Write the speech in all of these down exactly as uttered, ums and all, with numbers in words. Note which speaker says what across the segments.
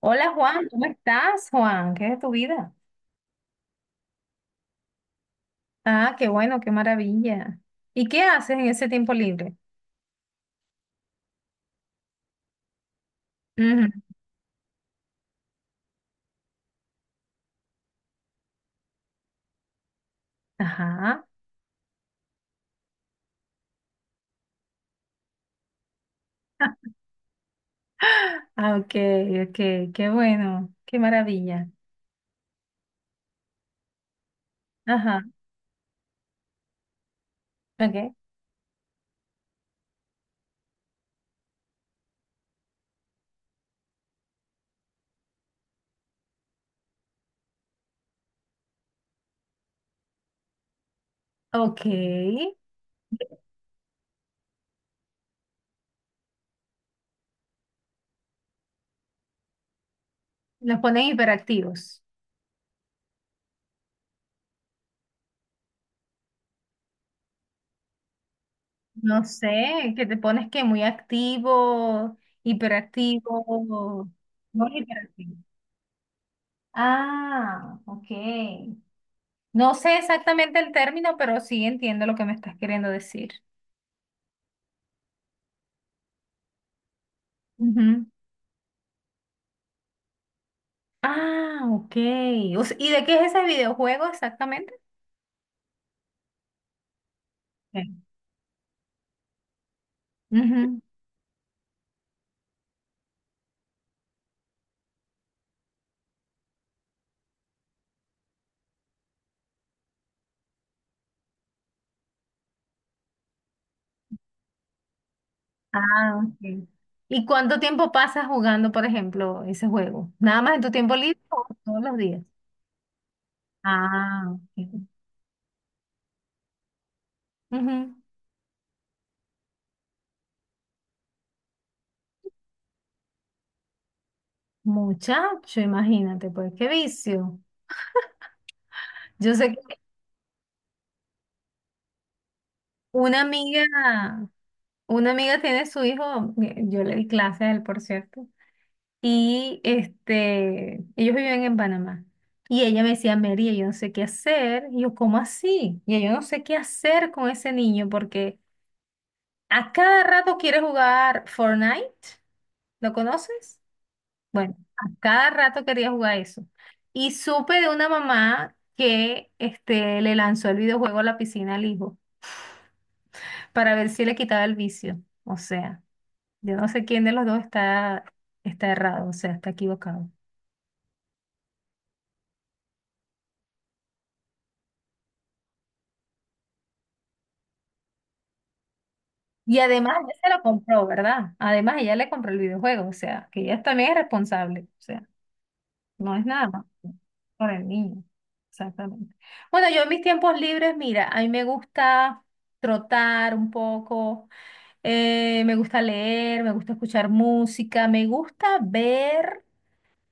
Speaker 1: Hola Juan, ¿cómo estás, Juan? ¿Qué es de tu vida? Ah, qué bueno, qué maravilla. ¿Y qué haces en ese tiempo libre? Ujú. Ajá. Ah, ok, ok, qué bueno, qué maravilla. Ajá, ok. Ok, los ponen hiperactivos. No sé, que te pones que muy activo, hiperactivo, no hiperactivo. Ah, ok. No sé exactamente el término, pero sí entiendo lo que me estás queriendo decir. Ujú. Ah, ok. O sea, ¿y de qué es ese videojuego exactamente? Ok. Ujú. Ah, ok. ¿Y cuánto tiempo pasas jugando, por ejemplo, ese juego? ¿Nada más en tu tiempo libre o todos los días? Ah, ok. Ujú. Muchacho, imagínate, pues qué vicio. Yo sé que una amiga, una amiga tiene su hijo, eh, yo le di clase a él, por cierto. y este, ellos viven en Panamá. Y ella me decía, María, yo no sé qué hacer. Y yo, ¿cómo así? Y yo no sé qué hacer con ese niño porque a cada rato quiere jugar Fortnite. ¿Lo conoces? Bueno, a cada rato quería jugar eso. Y supe de una mamá que este, le lanzó el videojuego a la piscina al hijo para ver si le quitaba el vicio. O sea, yo no sé quién de los dos está, está errado, o sea, está equivocado. Y además ella se lo compró, ¿verdad? Además ella le compró el videojuego, o sea, que ella también es responsable, o sea, no es nada más por el niño. Exactamente. Bueno, yo en mis tiempos libres, mira, a mí me gusta trotar un poco, eh, me gusta leer, me gusta escuchar música, me gusta ver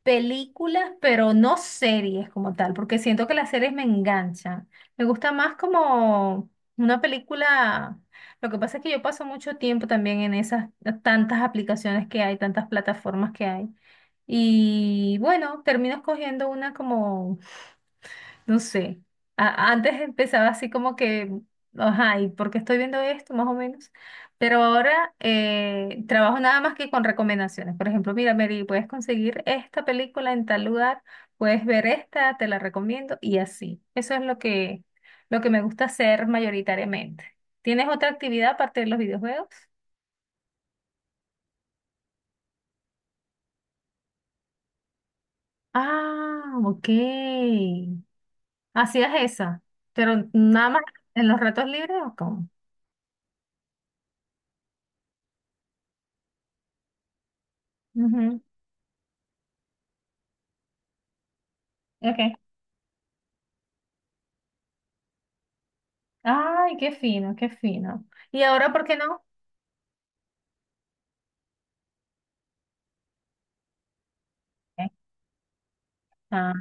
Speaker 1: películas, pero no series como tal, porque siento que las series me enganchan. Me gusta más como una película. Lo que pasa es que yo paso mucho tiempo también en esas tantas aplicaciones que hay, tantas plataformas que hay. Y bueno, termino escogiendo una como no sé. A- antes empezaba así como que, ajá, ¿y por qué estoy viendo esto? Más o menos. Pero ahora eh, trabajo nada más que con recomendaciones. Por ejemplo, mira, Mary, puedes conseguir esta película en tal lugar, puedes ver esta, te la recomiendo y así. Eso es lo que, lo que me gusta hacer mayoritariamente. ¿Tienes otra actividad aparte de los videojuegos? Ah, ok. Hacías esa, pero ¿nada más en los ratos libres o cómo? Ujú, ok. Ay, qué fino, qué fino. ¿Y ahora por qué no? Eh, Ah,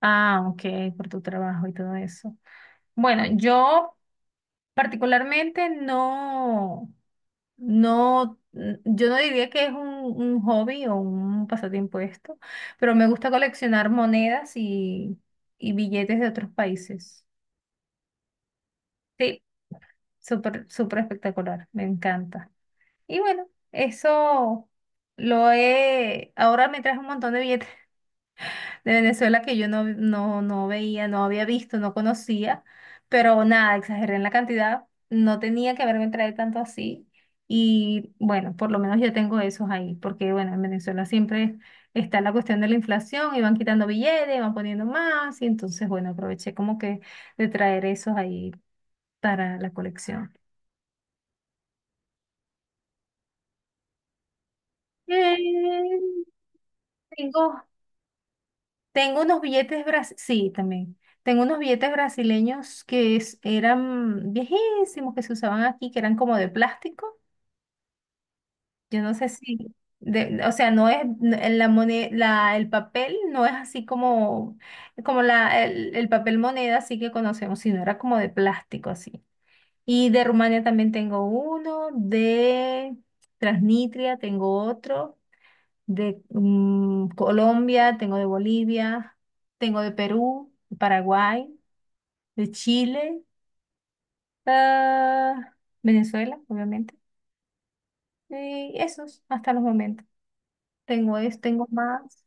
Speaker 1: ah, ok, por tu trabajo y todo eso. Bueno, yo particularmente no, no, n- yo no diría que es un, un hobby o un pasatiempo esto, pero me gusta coleccionar monedas y, y billetes de otros países. Sí, súper, súper espectacular, me encanta. Y bueno, eso lo he, ahora me traje un montón de billetes de Venezuela que yo no, no, no veía, no había visto, no conocía, pero nada, exageré en la cantidad, no tenía que haberme traído tanto así y bueno, por lo menos yo tengo esos ahí, porque bueno, en Venezuela siempre está la cuestión de la inflación y van quitando billetes, van poniendo más y entonces bueno, aproveché como que de traer esos ahí para la colección. Eh, tengo Tengo unos billetes brasileños, sí, también. Tengo unos billetes brasileños que es- eran viejísimos, que se usaban aquí, que eran como de plástico. Yo no sé si, de- o sea, no es, n- la moneda, la, el papel no es así como, como la, el, el papel moneda así que conocemos, sino era como de plástico así. Y de Rumania también tengo uno, de Transnistria tengo otro de mm, Colombia, tengo de Bolivia, tengo de Perú, de Paraguay, de Chile, ah, Venezuela, obviamente. Y esos hasta los momentos. Tengo es, tengo más.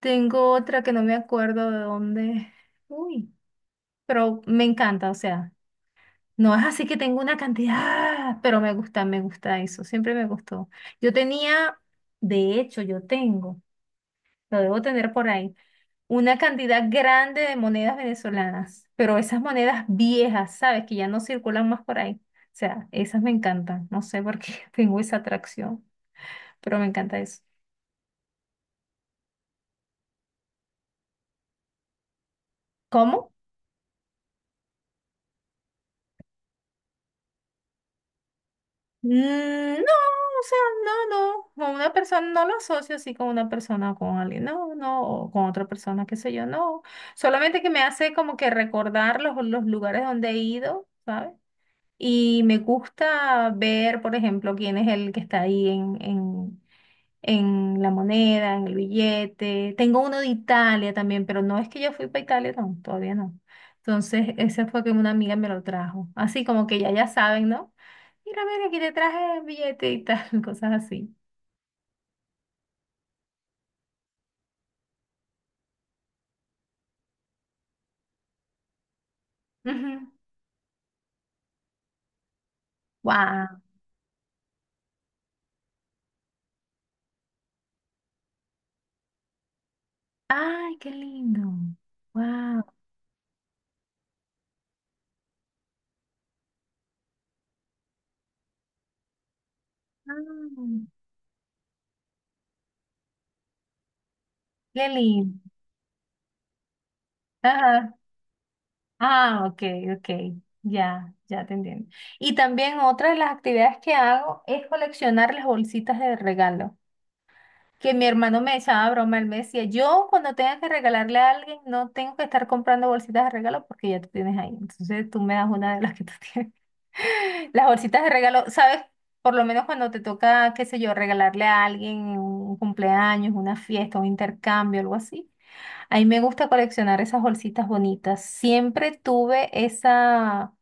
Speaker 1: Tengo otra que no me acuerdo de dónde. Uy, pero me encanta, o sea, no es así que tengo una cantidad, pero me gusta, me gusta eso, siempre me gustó. Yo tenía, de hecho, yo tengo, lo debo tener por ahí una cantidad grande de monedas venezolanas, pero esas monedas viejas, ¿sabes? Que ya no circulan más por ahí. O sea, esas me encantan. No sé por qué tengo esa atracción, pero me encanta eso. ¿Cómo? Mm, no, o sea, no, no. Con una persona no lo asocio así con una persona o con alguien, no, no, o con otra persona, qué sé yo, no. Solamente que me hace como que recordar los, los lugares donde he ido, ¿sabes? Y me gusta ver, por ejemplo, quién es el que está ahí en, en, en la moneda, en el billete. Tengo uno de Italia también, pero no es que yo fui para Italia, no, todavía no. Entonces, ese fue que una amiga me lo trajo. Así como que ya ya saben, ¿no? Mira, mira, aquí te traje el billete y tal, cosas así. Ujú. Wow. Ay, qué lindo. Wow. Qué lindo. Ajá. Ah, ok, ok. Ya, ya te entiendo. Y también otra de las actividades que hago es coleccionar las bolsitas de regalo. Que mi hermano me echaba broma, él me decía, yo cuando tenga que regalarle a alguien, no tengo que estar comprando bolsitas de regalo porque ya tú tienes ahí. Entonces tú me das una de las que tú tienes. Las bolsitas de regalo, ¿sabes? Por lo menos cuando te toca, qué sé yo, regalarle a alguien un cumpleaños, una fiesta, un intercambio, algo así. A mí me gusta coleccionar esas bolsitas bonitas. Siempre tuve esa,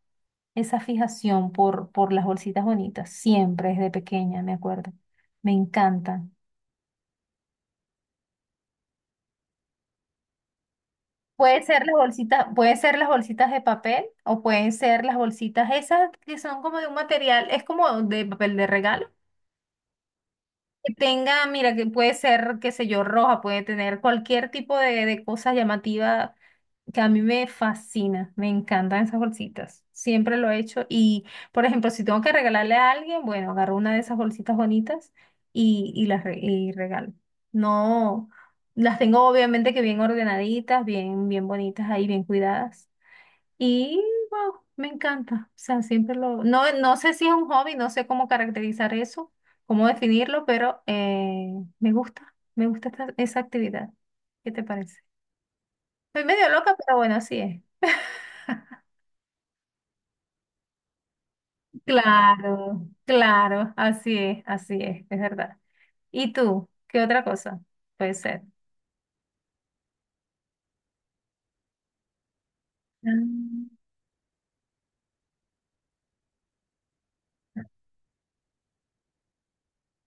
Speaker 1: esa fijación por, por las bolsitas bonitas, siempre desde pequeña, me acuerdo. Me encantan. Puede ser las bolsitas, puede ser las bolsitas de papel o pueden ser las bolsitas esas que son como de un material, es como de papel de regalo, que tenga, mira, que puede ser, qué sé yo, roja, puede tener cualquier tipo de, de cosa llamativa que a mí me fascina, me encantan esas bolsitas, siempre lo he hecho y, por ejemplo, si tengo que regalarle a alguien, bueno, agarro una de esas bolsitas bonitas y, y las re- y regalo. No, las tengo obviamente que bien ordenaditas, bien, bien bonitas ahí, bien cuidadas. Y wow, me encanta. O sea, siempre lo... No, no sé si es un hobby, no sé cómo caracterizar eso, cómo definirlo, pero eh, me gusta, me gusta esta- esa actividad. ¿Qué te parece? Soy medio loca, pero bueno, así es. Claro, claro, así es, así es, es verdad. ¿Y tú? ¿Qué otra cosa puede ser? Mm.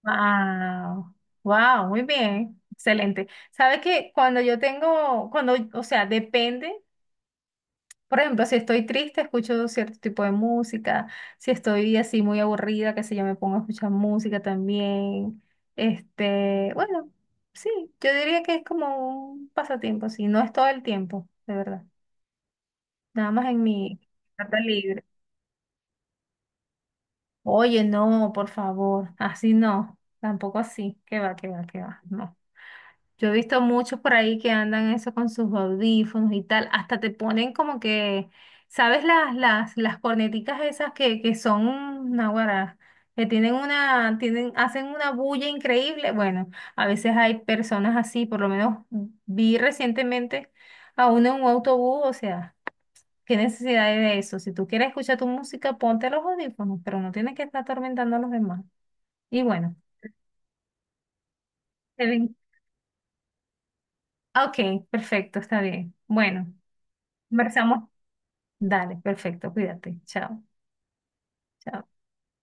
Speaker 1: Wow, wow, muy bien, excelente. Sabes que cuando yo tengo, cuando, o sea, depende. Por ejemplo, si estoy triste, escucho cierto tipo de música. Si estoy así muy aburrida, qué sé yo, me pongo a escuchar música también. Este, bueno, sí, yo diría que es como un pasatiempo, sí, no es todo el tiempo, de verdad. Nada más en mi carta libre. Oye, no, por favor, así no, tampoco así. Qué va, qué va, qué va, no. Yo he visto muchos por ahí que andan eso con sus audífonos y tal, hasta te ponen como que, ¿sabes las, las, las corneticas esas que, que son naguará? Que tienen una, tienen, hacen una bulla increíble. Bueno, a veces hay personas así, por lo menos vi recientemente a uno en un autobús, o sea, ¿qué necesidad hay de eso? Si tú quieres escuchar tu música, ponte los audífonos, pero no tienes que estar atormentando a los demás. Y bueno, se ven- ok, perfecto, está bien. Bueno. Conversamos. Dale, perfecto, cuídate. Chao, chao.